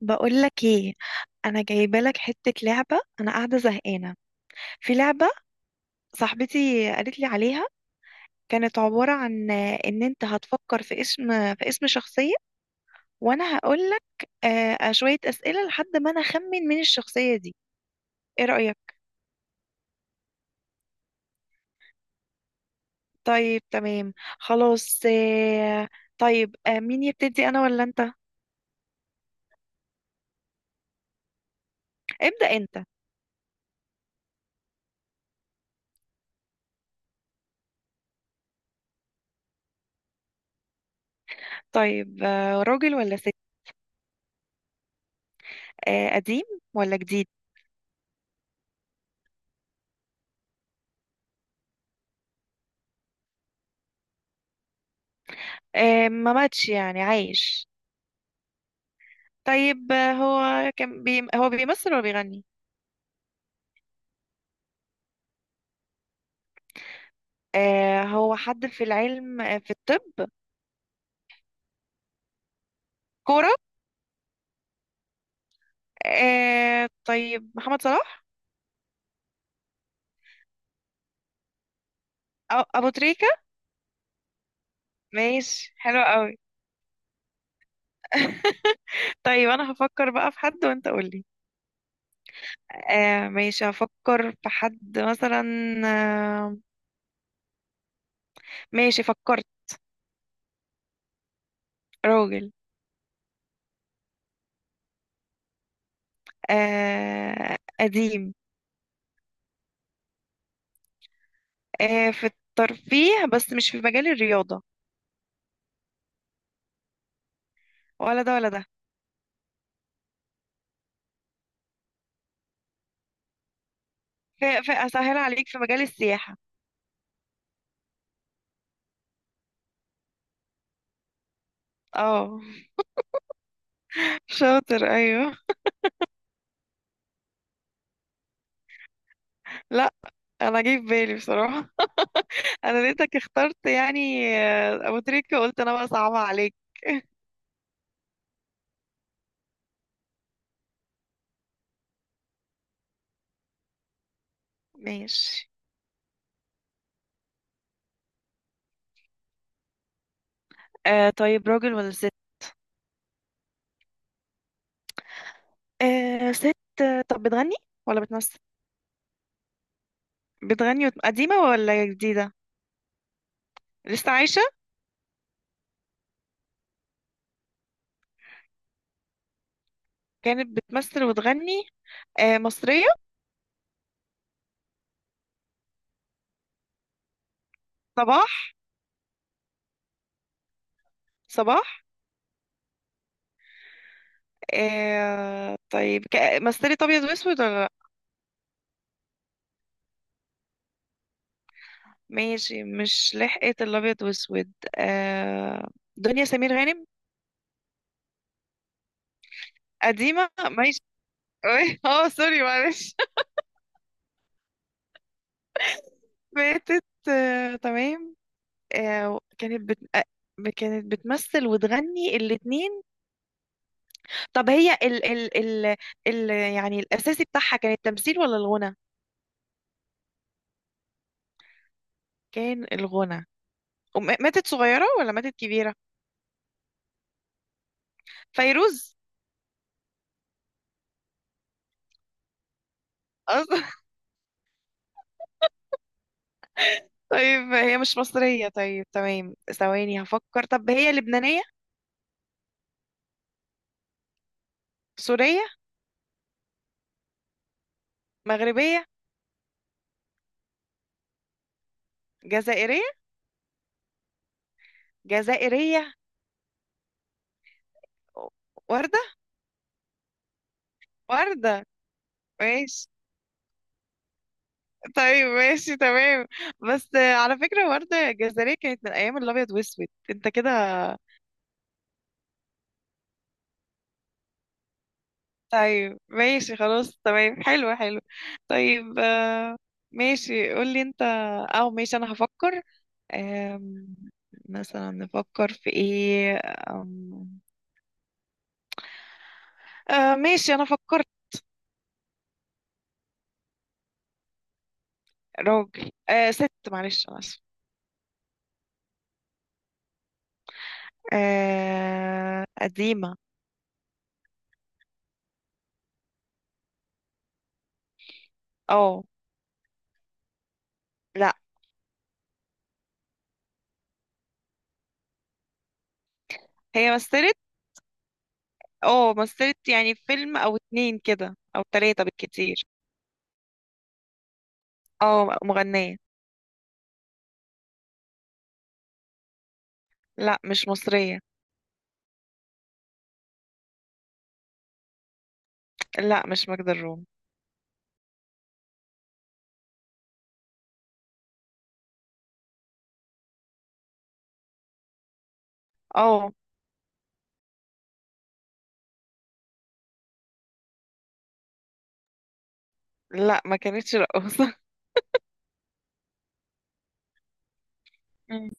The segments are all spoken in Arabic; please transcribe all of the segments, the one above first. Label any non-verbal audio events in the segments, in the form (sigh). بقول لك ايه. انا جايبه لك حته لعبه، انا قاعده زهقانه. في لعبه صاحبتي قالت لي عليها. كانت عباره عن ان انت هتفكر في اسم، في اسم شخصيه وانا هقول لك شويه اسئله لحد ما انا اخمن من الشخصيه دي. ايه رايك؟ طيب، تمام، خلاص. طيب، مين يبتدي، انا ولا انت؟ ابدا انت. طيب، راجل ولا ست؟ قديم ولا جديد؟ ما ماتش يعني، عايش؟ طيب، هو بيمثل ولا بيغني؟ آه، هو حد في العلم؟ في الطب؟ كورة. آه طيب، محمد صلاح؟ أو أبو تريكة؟ ماشي، حلو قوي. (laughs) طيب أنا هفكر بقى في حد وأنت قولي. آه ماشي، هفكر في حد مثلا. آه ماشي، فكرت. راجل. آه قديم. آه في الترفيه، بس مش في مجال الرياضة. ولا ده ولا ده. في أسهل عليك، في مجال السياحة. اه، شاطر، ايوه. لا، انا جاي في بالي بصراحه. انا لقيتك اخترت يعني ابو تريكه، قلت انا بقى صعبه عليك. ماشي. آه طيب، راجل ولا ست؟ آه ست. طب بتغني ولا بتمثل؟ بتغني قديمه ولا جديده؟ لسه عايشه؟ كانت بتمثل وتغني. آه مصريه؟ صباح. صباح. آه طيب، مثلت ابيض واسود ولا لا؟ ماشي، مش لحقت الابيض واسود. آه، دنيا سمير غانم. قديمه، ماشي. (laughs) أوي. اه سوري معلش. (laughs) ماتت. تمام. كانت بت... آه، كانت بتمثل وتغني الاتنين. طب هي يعني الأساسي بتاعها كان التمثيل ولا الغنى؟ كان الغنى. ماتت صغيرة ولا ماتت كبيرة؟ فيروز. أصلا (laughs) طيب هي مش مصرية؟ طيب تمام، ثواني هفكر. طب هي لبنانية؟ سورية؟ مغربية؟ جزائرية؟ جزائرية، وردة. وردة، ماشي. طيب ماشي تمام. بس على فكرة، وردة الجزائرية كانت من أيام الأبيض وأسود أنت كده. طيب ماشي، خلاص تمام، حلو حلو. طيب ماشي، قولي أنت، أو ماشي أنا هفكر. آم، مثلا نفكر في إيه؟ آم، آه ماشي أنا فكرت. راجل، آه ست، معلش أنا آسفة. آه قديمة. أه. لأ. هي مثلت. أه مثلت يعني في فيلم أو اتنين كده أو تلاتة بالكتير. اه، مغنية. لا مش مصرية. لا مش ماجدة الرومي. اه. لا ما كانتش رقاصة. (laughs) مم.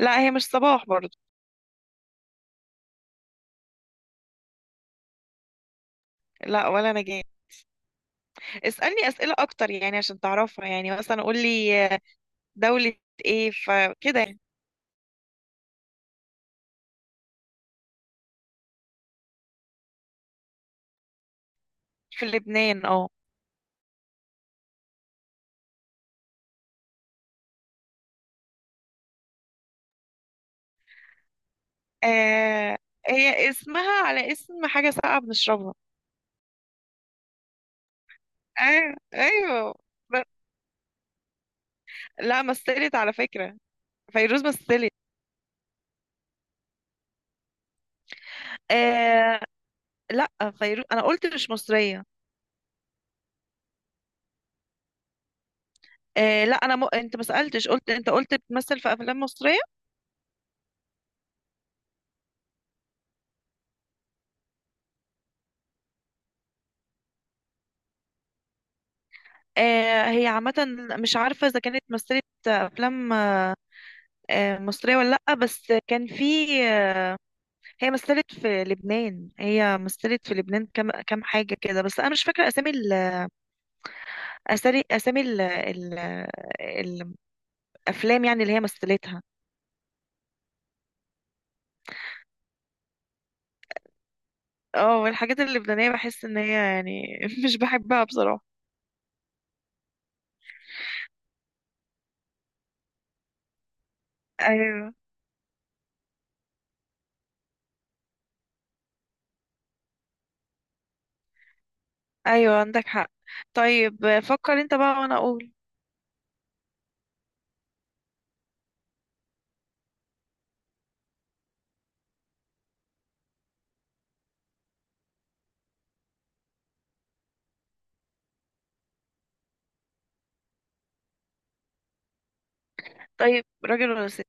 لا هي مش صباح برضو. لا ولا نجاة. اسألني أسئلة أكتر يعني عشان تعرفها، يعني مثلا قول لي دولة ايه، فكده يعني. في لبنان، اه. آه، هي اسمها على اسم حاجة ساقعة بنشربها. ايوه ايوه. ب- لا، مثلت على فكرة. فيروز مثلت. آه لا، فيروز انا قلت مش مصرية. آه لا، انا انت ما سالتش، قلت انت قلت بتمثل في افلام مصريه. هي عامه مش عارفه اذا كانت مثلت افلام آه مصريه ولا لا، بس كان في آه، هي مثلت في لبنان، هي مثلت في لبنان كم حاجه كده، بس انا مش فاكره اسامي اسامي الافلام يعني اللي هي مثلتها. اه، الحاجات اللبنانيه بحس ان هي يعني (laughs) مش بحبها بصراحه. ايوه ايوه، عندك حق. طيب فكر انت بقى وانا اقول. طيب راجل ولا ست؟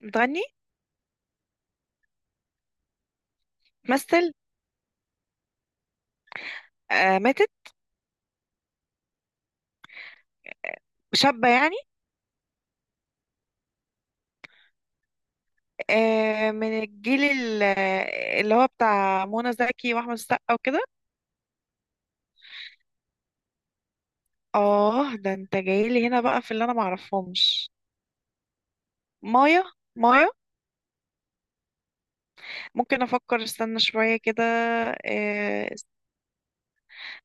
بتغني؟ تمثل؟ آه ماتت؟ شابة يعني؟ آه من الجيل اللي هو بتاع منى زكي واحمد السقا وكده. اه ده انت جايلي هنا بقى في اللي انا معرفهمش. مايا. مايا. ممكن افكر، استنى شوية كده. آه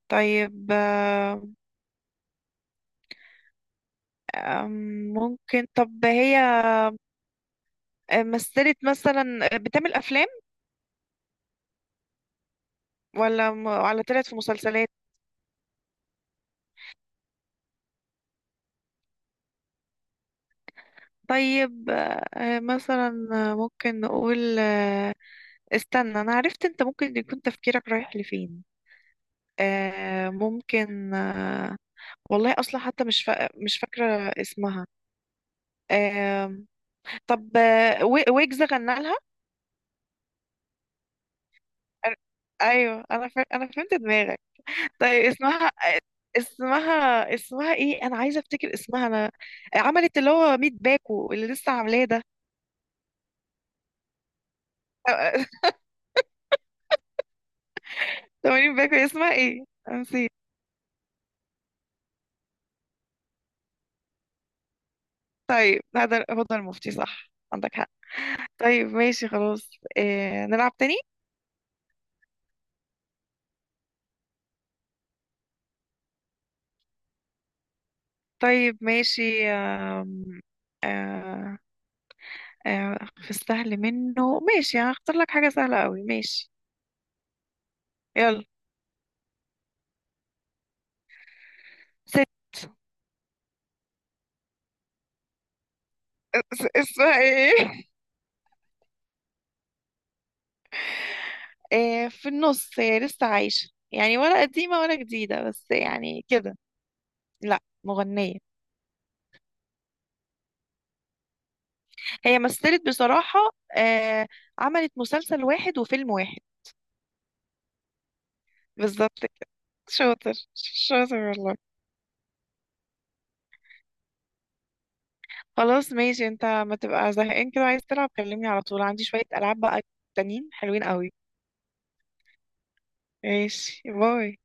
طيب آه. أم، ممكن طب هي مثلت مثلا، بتعمل افلام ولا ولا طلعت في مسلسلات؟ طيب آه مثلا ممكن نقول استنى انا عرفت انت ممكن يكون تفكيرك رايح لفين. آه ممكن آه. والله اصلا حتى مش فاكره اسمها. آه طب ويجز غنى لها؟ ايوه، انا انا فهمت دماغك. طيب اسمها، اسمها ايه، انا عايزه افتكر اسمها انا. عملت اللي هو 100 باكو اللي لسه عاملاه ده. (laughs) 80 باكو، اسمها ايه أنا نسيت. طيب هدى، هدى المفتي، صح؟ عندك حق. طيب ماشي خلاص. إيه... نلعب تاني؟ طيب ماشي. آم، آه، آه، في السهل منه، ماشي، يعني هختار لك حاجة سهلة قوي، ماشي. يلا. ست. اسمها ايه؟ (laughs) في النص، هي لسه عايشة يعني، ولا قديمة ولا جديدة بس، يعني كده. لا مغنية. هي مثلت بصراحة. آه، عملت مسلسل واحد وفيلم واحد. بالظبط كده. شاطر شاطر والله. خلاص ماشي. انت ما تبقى زهقان كده عايز تلعب كلمني على طول، عندي شوية ألعاب بقى تانيين حلوين قوي. ماشي، باي.